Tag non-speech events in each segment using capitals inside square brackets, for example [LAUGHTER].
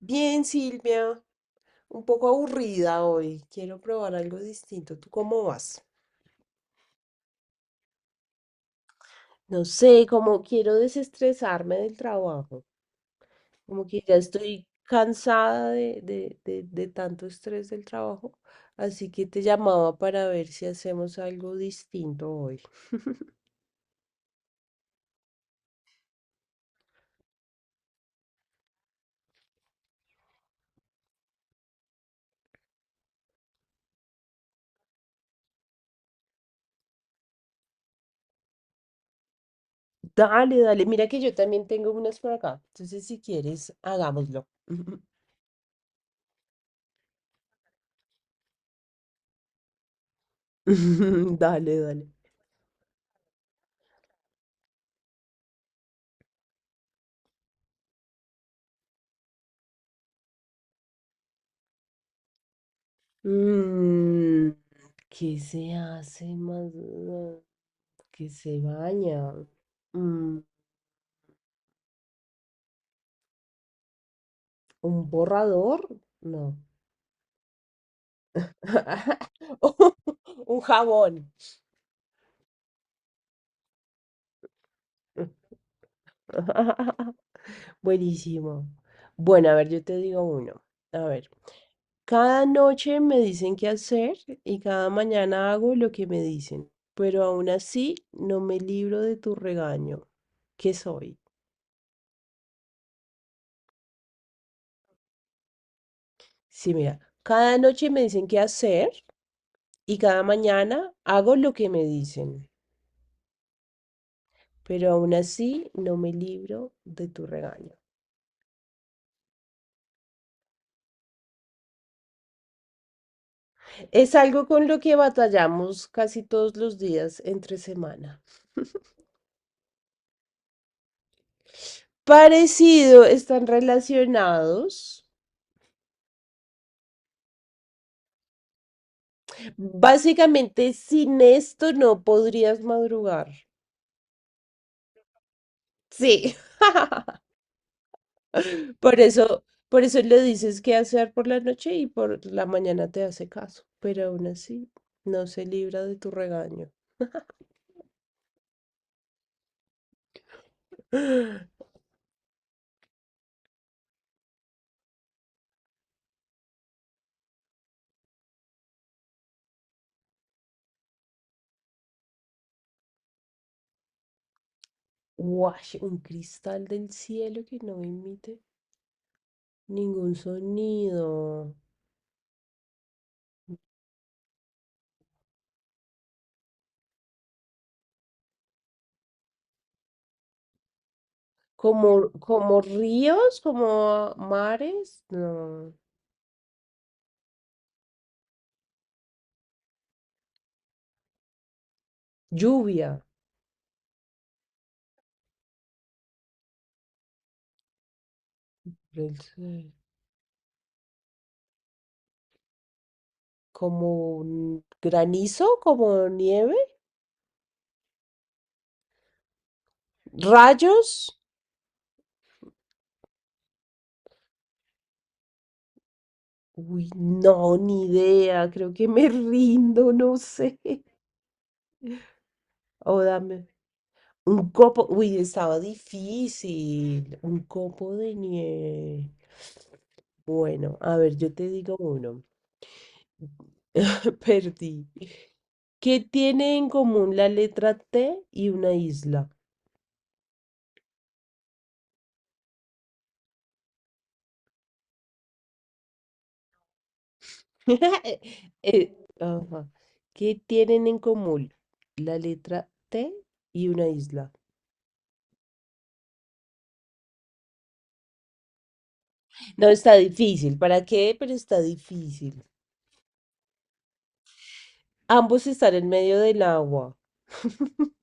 Bien, Silvia, un poco aburrida hoy. Quiero probar algo distinto. ¿Tú cómo vas? No sé, como quiero desestresarme del trabajo. Como que ya estoy cansada de tanto estrés del trabajo. Así que te llamaba para ver si hacemos algo distinto hoy. Dale, dale. Mira que yo también tengo unas por acá. Entonces, si quieres, hagámoslo. [LAUGHS] Dale, dale. Mm, ¿qué se hace más? ¿Qué se baña? Mm, ¿un borrador? No. [LAUGHS] Un jabón. [LAUGHS] Buenísimo. Bueno, a ver, yo te digo uno. A ver, cada noche me dicen qué hacer y cada mañana hago lo que me dicen, pero aún así no me libro de tu regaño. ¿Qué soy? Sí, mira, cada noche me dicen qué hacer y cada mañana hago lo que me dicen, pero aún así no me libro de tu regaño. Es algo con lo que batallamos casi todos los días entre semana. Parecido, están relacionados. Básicamente, sin esto no podrías madrugar. Sí, [LAUGHS] por eso, por eso le dices qué hacer por la noche y por la mañana te hace caso, pero aún así no se libra de tu regaño. Guash, un cristal del cielo que no emite ningún sonido. Como ríos, como mares, no. Lluvia del cielo. Como un granizo, como nieve, rayos. Uy, no, ni idea. Creo que me [LAUGHS] rindo, no sé. O dame. Un copo, uy, estaba difícil. Un copo de nieve. Bueno, a ver, yo te digo uno. [LAUGHS] Perdí. ¿Qué tiene en común la letra T y una isla? [LAUGHS] Ajá. ¿Qué tienen en común la letra T y una isla? No, está difícil. ¿Para qué? Pero está difícil. Ambos están en medio del agua. [LAUGHS]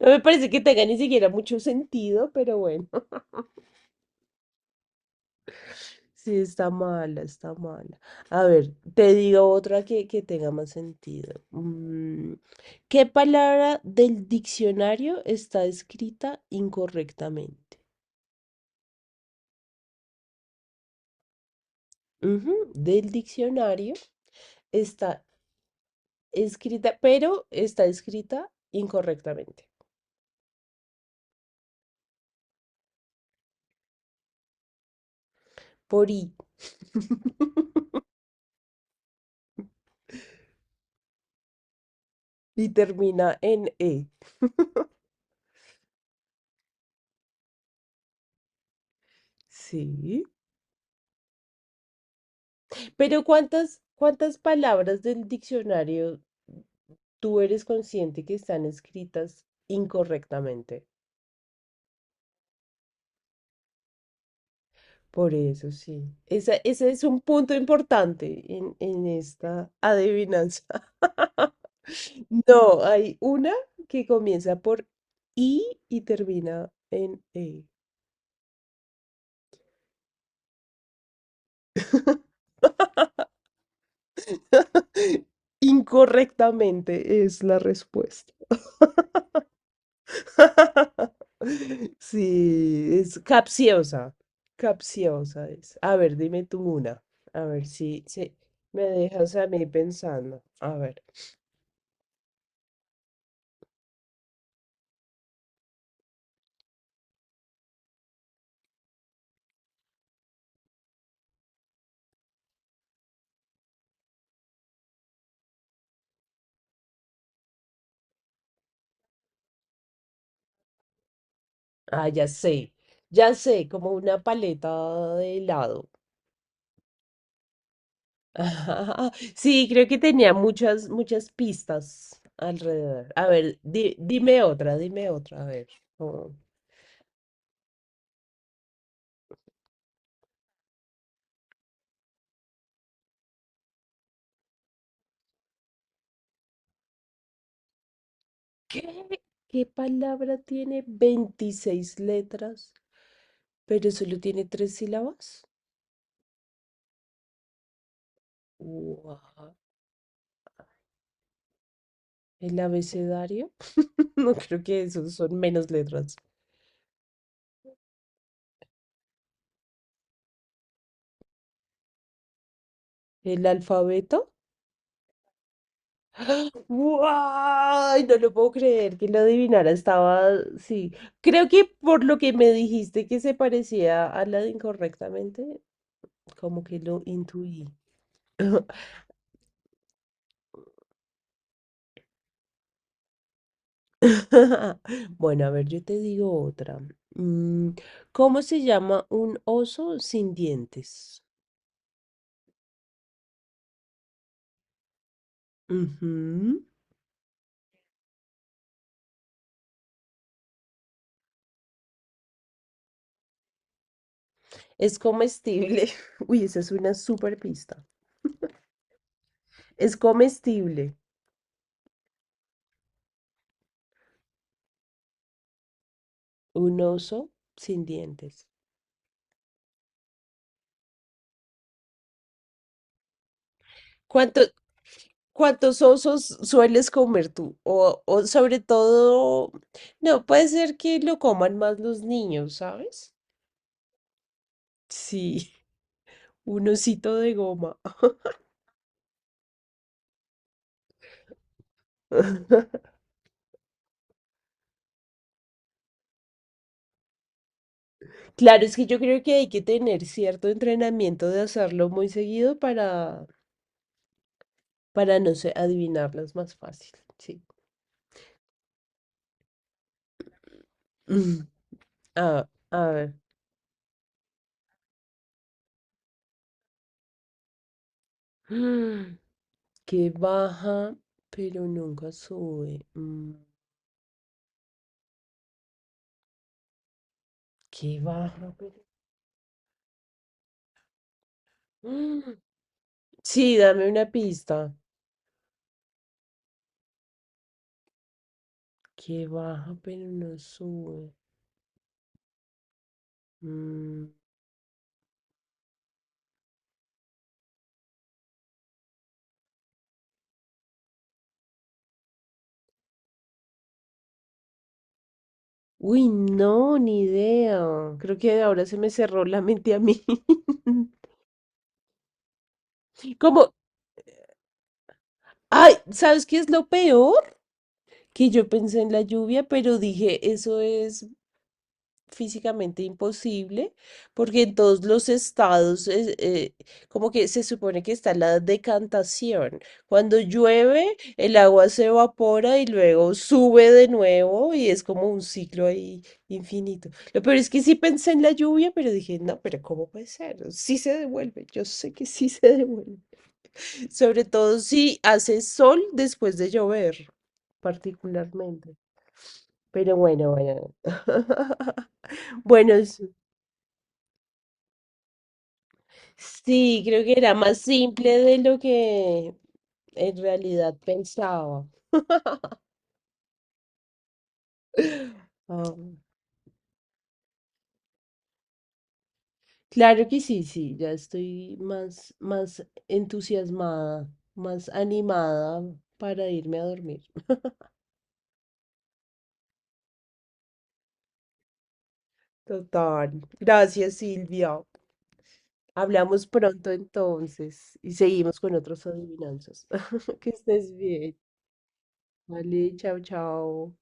No me parece que tenga ni siquiera mucho sentido, pero bueno. [LAUGHS] Sí, está mala, está mala. A ver, te digo otra que tenga más sentido. Mm, ¿qué palabra del diccionario está escrita incorrectamente? Ujú. Del diccionario está escrita, pero está escrita incorrectamente. Por I. [LAUGHS] Y termina en E. Sí. Pero ¿cuántas palabras del diccionario tú eres consciente que están escritas incorrectamente? Por eso sí. Ese es un punto importante en esta adivinanza. [LAUGHS] No, hay una que comienza por I y termina en E. [LAUGHS] Incorrectamente es la respuesta. [LAUGHS] [LAUGHS] Sí, es capciosa. Capciosa es. A ver, dime tú una. A ver si me dejas a mí pensando. A ver. Ah, ya sé. Ya sé, como una paleta de helado. [LAUGHS] Sí, creo que tenía muchas pistas alrededor. A ver, dime otra, dime otra. A ver. Oh, ¿qué? ¿Qué palabra tiene 26 letras, pero solo tiene tres sílabas? Guau, ¿el abecedario? [LAUGHS] No creo que esos son menos letras. ¿El alfabeto? ¡Guau! No lo puedo creer que lo adivinara. Estaba, sí. Creo que por lo que me dijiste que se parecía a la de incorrectamente, como que lo intuí. [LAUGHS] Bueno, a ver, yo te digo otra. Mm, ¿cómo se llama un oso sin dientes? Ujú. Es comestible. [LAUGHS] Uy, esa es una super pista. Es comestible. Un oso sin dientes. ¿Cuánto, ¿cuántos osos sueles comer tú? O sobre todo, no, puede ser que lo coman más los niños, ¿sabes? Sí, [LAUGHS] un osito de goma. [LAUGHS] Claro, es que yo creo que hay que tener cierto entrenamiento de hacerlo muy seguido para no sé, adivinarlas más fácil. Sí. [LAUGHS] Ah, a ver. [GASPS] Que baja, pero nunca sube. Mm, que baja, pero... Mm, sí, dame una pista. Que baja, pero no sube. Mm, uy, no, ni idea. Creo que ahora se me cerró la mente a mí. [LAUGHS] Como, ay, ¿sabes qué es lo peor? Que yo pensé en la lluvia, pero dije, eso es físicamente imposible, porque en todos los estados es, como que se supone que está la decantación. Cuando llueve, el agua se evapora y luego sube de nuevo y es como un ciclo ahí infinito. Lo peor es que sí pensé en la lluvia, pero dije, no, pero ¿cómo puede ser? Sí se devuelve, yo sé que sí se devuelve. [LAUGHS] Sobre todo si hace sol después de llover, particularmente. Pero bueno, bueno. [LAUGHS] Bueno, sí, creo que era más simple de lo que en realidad pensaba. Ah, claro que sí, sí, ya estoy más entusiasmada, más animada para irme a dormir. [LAUGHS] Total. Gracias, Silvia. Hablamos pronto entonces y seguimos con otros adivinanzas. [LAUGHS] Que estés bien. Vale, chao, chao.